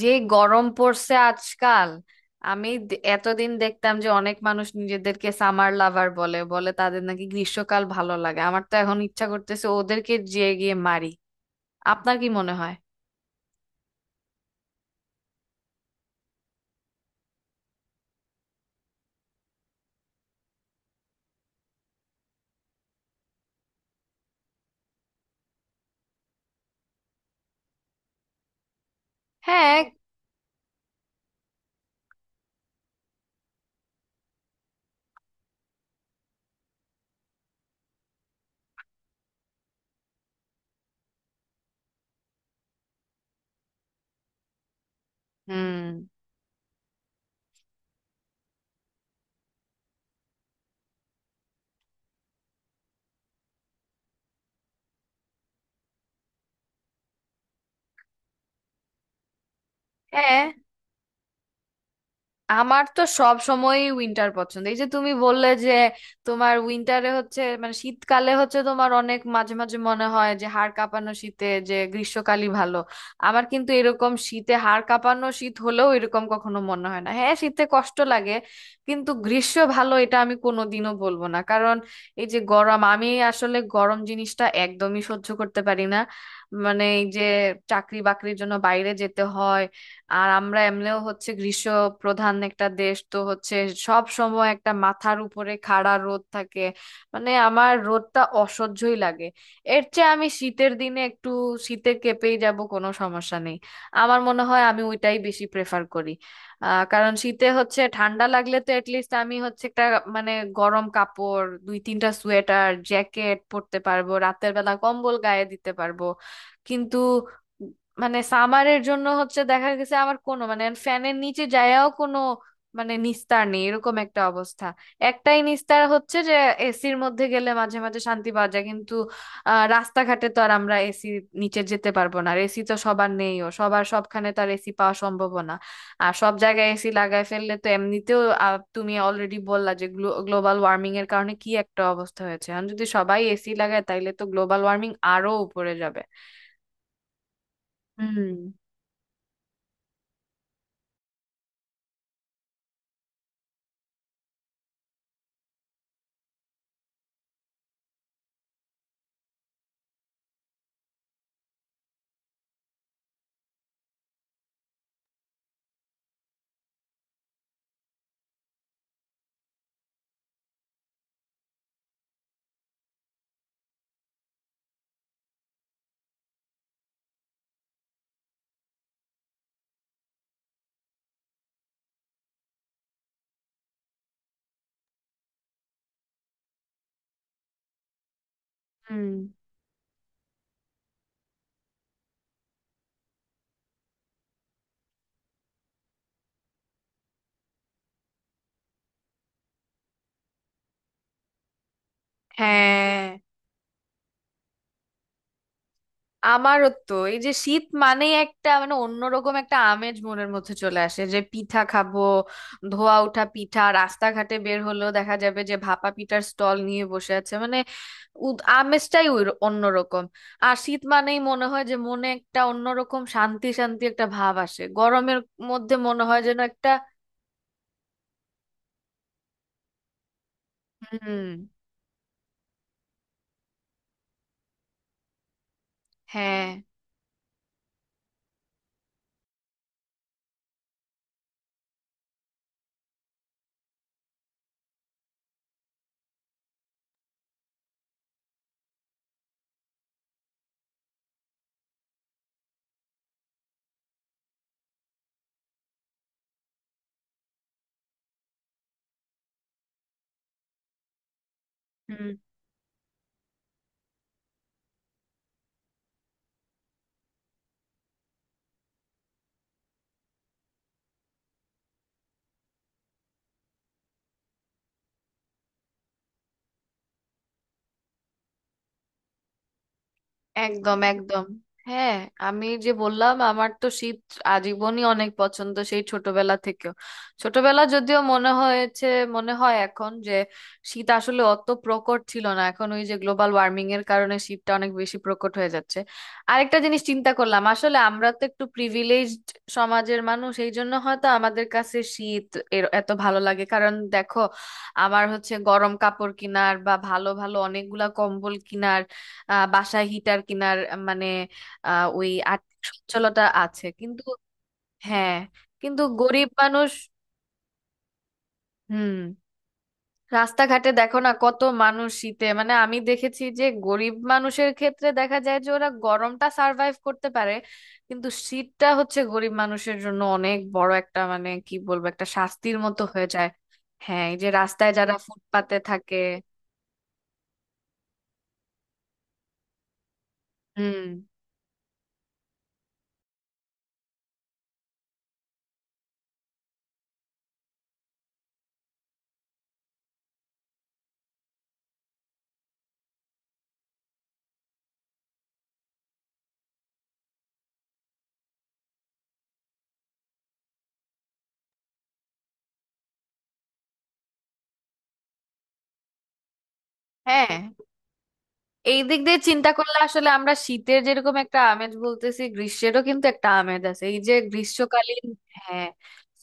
যে গরম পড়ছে আজকাল। আমি এতদিন দেখতাম যে অনেক মানুষ নিজেদেরকে সামার লাভার বলে বলে তাদের নাকি গ্রীষ্মকাল ভালো লাগে। আমার তো এখন ইচ্ছা করতেছে ওদেরকে যেয়ে গিয়ে মারি। আপনার কি মনে হয়? হ্যাঁ। হুম। হ্যাঁ, আমার তো সব সময়ই উইন্টার পছন্দ। এই যে তুমি বললে যে তোমার উইন্টারে হচ্ছে মানে শীতকালে হচ্ছে তোমার অনেক মাঝে মাঝে মনে হয় যে হাড় কাঁপানো শীতে যে গ্রীষ্মকালই ভালো। আমার কিন্তু এরকম শীতে হাড় কাঁপানো শীত হলেও এরকম কখনো মনে হয় না হ্যাঁ শীতে কষ্ট লাগে, কিন্তু গ্রীষ্ম ভালো এটা আমি কোনোদিনও বলবো না। কারণ এই যে গরম, আমি আসলে গরম জিনিসটা একদমই সহ্য করতে পারি না। মানে এই যে চাকরি বাকরির জন্য বাইরে যেতে হয়, আর আমরা এমনিও হচ্ছে গ্রীষ্ম প্রধান একটা দেশ তো হচ্ছে, সব সময় একটা মাথার উপরে খাড়া রোদ থাকে। মানে আমার রোদটা অসহ্যই লাগে। এর চেয়ে আমি শীতের দিনে একটু শীতে কেঁপেই যাব, কোনো সমস্যা নেই। আমার মনে হয় আমি ওইটাই বেশি প্রেফার করি। কারণ শীতে হচ্ছে ঠান্ডা লাগলে তো এটলিস্ট আমি হচ্ছে একটা মানে গরম কাপড়, দুই তিনটা সোয়েটার জ্যাকেট পরতে পারবো, রাতের বেলা কম্বল গায়ে দিতে পারবো। কিন্তু মানে সামারের জন্য হচ্ছে দেখা গেছে আমার কোনো মানে ফ্যানের নিচে যায়াও কোনো মানে নিস্তার নেই, এরকম একটা অবস্থা। একটাই নিস্তার হচ্ছে যে এসির মধ্যে গেলে মাঝে মাঝে শান্তি পাওয়া যায়, কিন্তু রাস্তাঘাটে তো আর আমরা এসি নিচে যেতে পারবো না, আর এসি তো সবার নেইও, সবার সবখানে তো আর এসি পাওয়া সম্ভব না। আর সব জায়গায় এসি লাগায় ফেললে তো এমনিতেও তুমি অলরেডি বললা যে গ্লোবাল ওয়ার্মিং এর কারণে কি একটা অবস্থা হয়েছে, আর যদি সবাই এসি লাগায় তাইলে তো গ্লোবাল ওয়ার্মিং আরো উপরে যাবে। হুম। হুম হ্যাঁ, আমারও তো এই যে শীত মানেই একটা মানে অন্যরকম একটা আমেজ মনের মধ্যে চলে আসে যে পিঠা খাবো, ধোয়া ওঠা পিঠা। রাস্তাঘাটে বের হলেও দেখা যাবে যে ভাপা পিঠার স্টল নিয়ে বসে আছে। মানে আমেজটাই ওই অন্যরকম। আর শীত মানেই মনে হয় যে মনে একটা অন্যরকম শান্তি শান্তি একটা ভাব আসে, গরমের মধ্যে মনে হয় যেন একটা। হুম। হ্যাঁ। একদম, একদম। হ্যাঁ, আমি যে বললাম আমার তো শীত আজীবনই অনেক পছন্দ, সেই ছোটবেলা থেকেও। ছোটবেলা যদিও মনে হয়েছে, মনে হয় এখন যে শীত আসলে অত প্রকট ছিল না, এখন ওই যে গ্লোবাল ওয়ার্মিং এর কারণে শীতটা অনেক বেশি প্রকট হয়ে যাচ্ছে। আরেকটা জিনিস চিন্তা করলাম, আসলে আমরা তো একটু প্রিভিলেজড সমাজের মানুষ, এই জন্য হয়তো আমাদের কাছে শীত এর এত ভালো লাগে। কারণ দেখো, আমার হচ্ছে গরম কাপড় কিনার বা ভালো ভালো অনেকগুলা কম্বল কিনার, বাসায় হিটার কিনার, মানে ওই আর্থিক সচ্ছলতা আছে। কিন্তু হ্যাঁ। কিন্তু গরিব মানুষ। হুম। রাস্তাঘাটে দেখো না কত মানুষ শীতে, মানে আমি দেখেছি যে গরিব মানুষের ক্ষেত্রে দেখা যায় যে ওরা গরমটা সার্ভাইভ করতে পারে, কিন্তু শীতটা হচ্ছে গরিব মানুষের জন্য অনেক বড় একটা মানে কি বলবো, একটা শাস্তির মতো হয়ে যায়। হ্যাঁ, এই যে রাস্তায় যারা ফুটপাতে থাকে। হুম। হ্যাঁ, এই দিক দিয়ে চিন্তা করলে আসলে আমরা শীতের যেরকম একটা আমেজ বলতেছি, গ্রীষ্মেরও কিন্তু একটা আমেজ আছে, এই যে গ্রীষ্মকালীন। হ্যাঁ,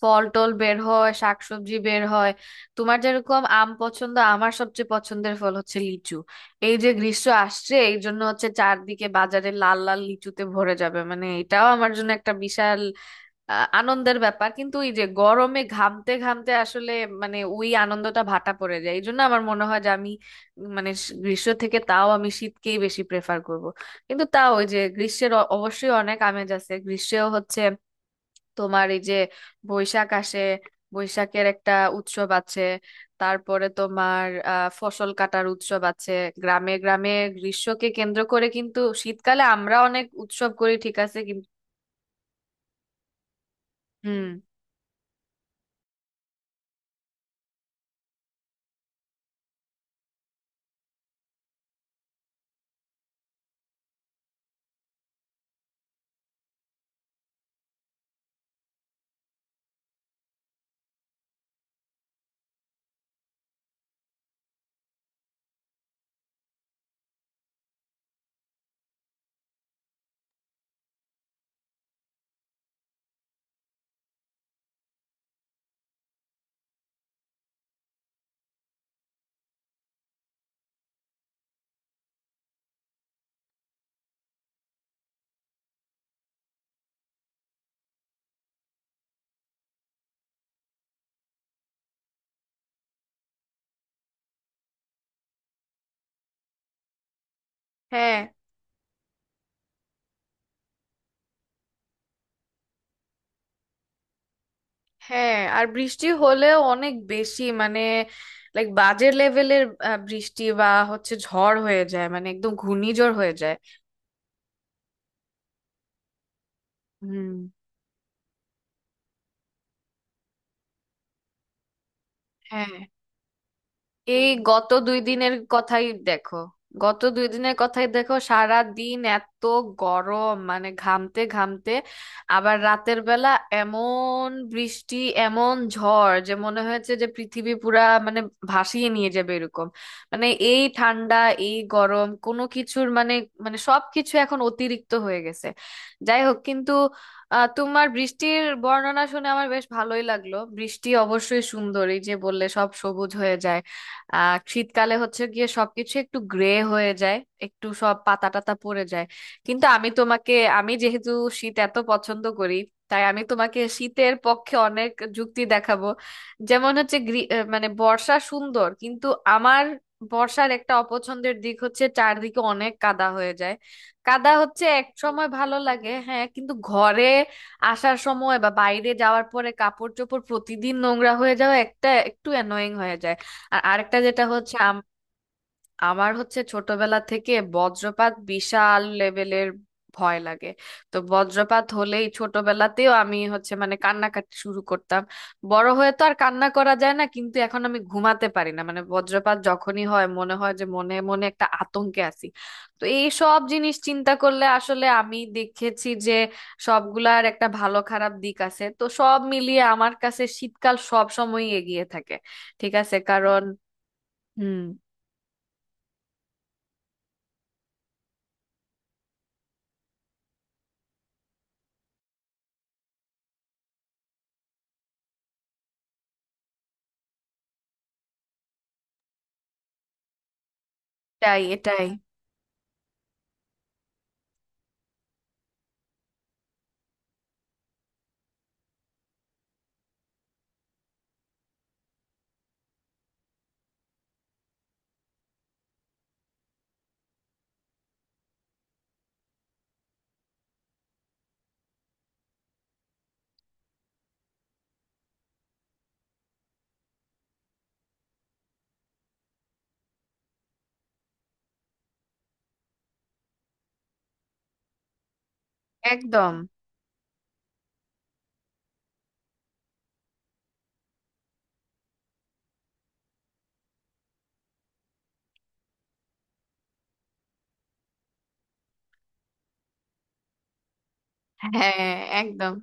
ফল টল বের হয়, শাকসবজি বের হয়। তোমার যেরকম আম পছন্দ, আমার সবচেয়ে পছন্দের ফল হচ্ছে লিচু। এই যে গ্রীষ্ম আসছে, এই জন্য হচ্ছে চারদিকে বাজারে লাল লাল লিচুতে ভরে যাবে, মানে এটাও আমার জন্য একটা বিশাল আনন্দের ব্যাপার। কিন্তু এই যে গরমে ঘামতে ঘামতে আসলে মানে ওই আনন্দটা ভাটা পড়ে যায়, এই জন্য আমার মনে হয় যে আমি মানে গ্রীষ্ম থেকে তাও আমি শীতকেই বেশি প্রেফার করব। কিন্তু তাও ওই যে গ্রীষ্মের অবশ্যই অনেক আমেজ আছে, গ্রীষ্মেও হচ্ছে তোমার এই যে বৈশাখ আসে, বৈশাখের একটা উৎসব আছে। তারপরে তোমার ফসল কাটার উৎসব আছে গ্রামে গ্রামে গ্রীষ্মকে কেন্দ্র করে। কিন্তু শীতকালে আমরা অনেক উৎসব করি, ঠিক আছে? কিন্তু হুম। হ্যাঁ। হ্যাঁ, আর বৃষ্টি হলেও অনেক বেশি, মানে লাইক বাজে লেভেলের বৃষ্টি, বা হচ্ছে ঝড় হয়ে যায়, মানে একদম ঘূর্ণিঝড় হয়ে যায়। হুম। হ্যাঁ, এই গত দুই দিনের কথাই দেখো, সারা দিন এত গরম, মানে ঘামতে ঘামতে, আবার রাতের বেলা এমন বৃষ্টি, এমন ঝড় যে মনে হয়েছে যে পৃথিবী পুরা মানে ভাসিয়ে নিয়ে যাবে এরকম। মানে এই ঠান্ডা, এই গরম, কোনো কিছুর মানে, মানে সবকিছু এখন অতিরিক্ত হয়ে গেছে। যাই হোক, কিন্তু তোমার বৃষ্টির বর্ণনা শুনে আমার বেশ ভালোই লাগলো। বৃষ্টি অবশ্যই সুন্দর, এই যে বললে সব সবুজ হয়ে যায়। শীতকালে হচ্ছে গিয়ে সবকিছু একটু গ্রে হয়ে যায়, একটু সব পাতা টাতা পড়ে যায়। কিন্তু আমি তোমাকে, আমি যেহেতু শীত এত পছন্দ করি, তাই আমি তোমাকে শীতের পক্ষে অনেক যুক্তি দেখাবো। যেমন হচ্ছে মানে বর্ষা সুন্দর, কিন্তু আমার বর্ষার একটা অপছন্দের দিক হচ্ছে চারদিকে অনেক কাদা হয়ে যায়। কাদা হচ্ছে এক সময় ভালো লাগে হ্যাঁ, কিন্তু ঘরে আসার সময় বা বাইরে যাওয়ার পরে কাপড় চোপড় প্রতিদিন নোংরা হয়ে যাওয়া একটা একটু অ্যানোয়িং হয়ে যায়। আর আরেকটা যেটা হচ্ছে আমার হচ্ছে ছোটবেলা থেকে বজ্রপাত বিশাল লেভেলের ভয় লাগে। তো বজ্রপাত হলেই ছোটবেলাতেও আমি হচ্ছে মানে কান্নাকাটি শুরু করতাম। বড় হয়ে তো আর কান্না করা যায় না, কিন্তু এখন আমি ঘুমাতে পারি না, মানে বজ্রপাত যখনই হয় মনে হয় যে মনে মনে একটা আতঙ্কে আছি। তো এই সব জিনিস চিন্তা করলে আসলে আমি দেখেছি যে সবগুলার একটা ভালো খারাপ দিক আছে, তো সব মিলিয়ে আমার কাছে শীতকাল সব সময়ই এগিয়ে থাকে, ঠিক আছে? কারণ হুম। তাই এটাই। একদম। হ্যাঁ, একদম।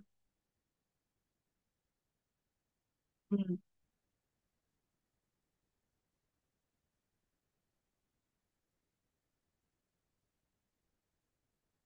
হুম।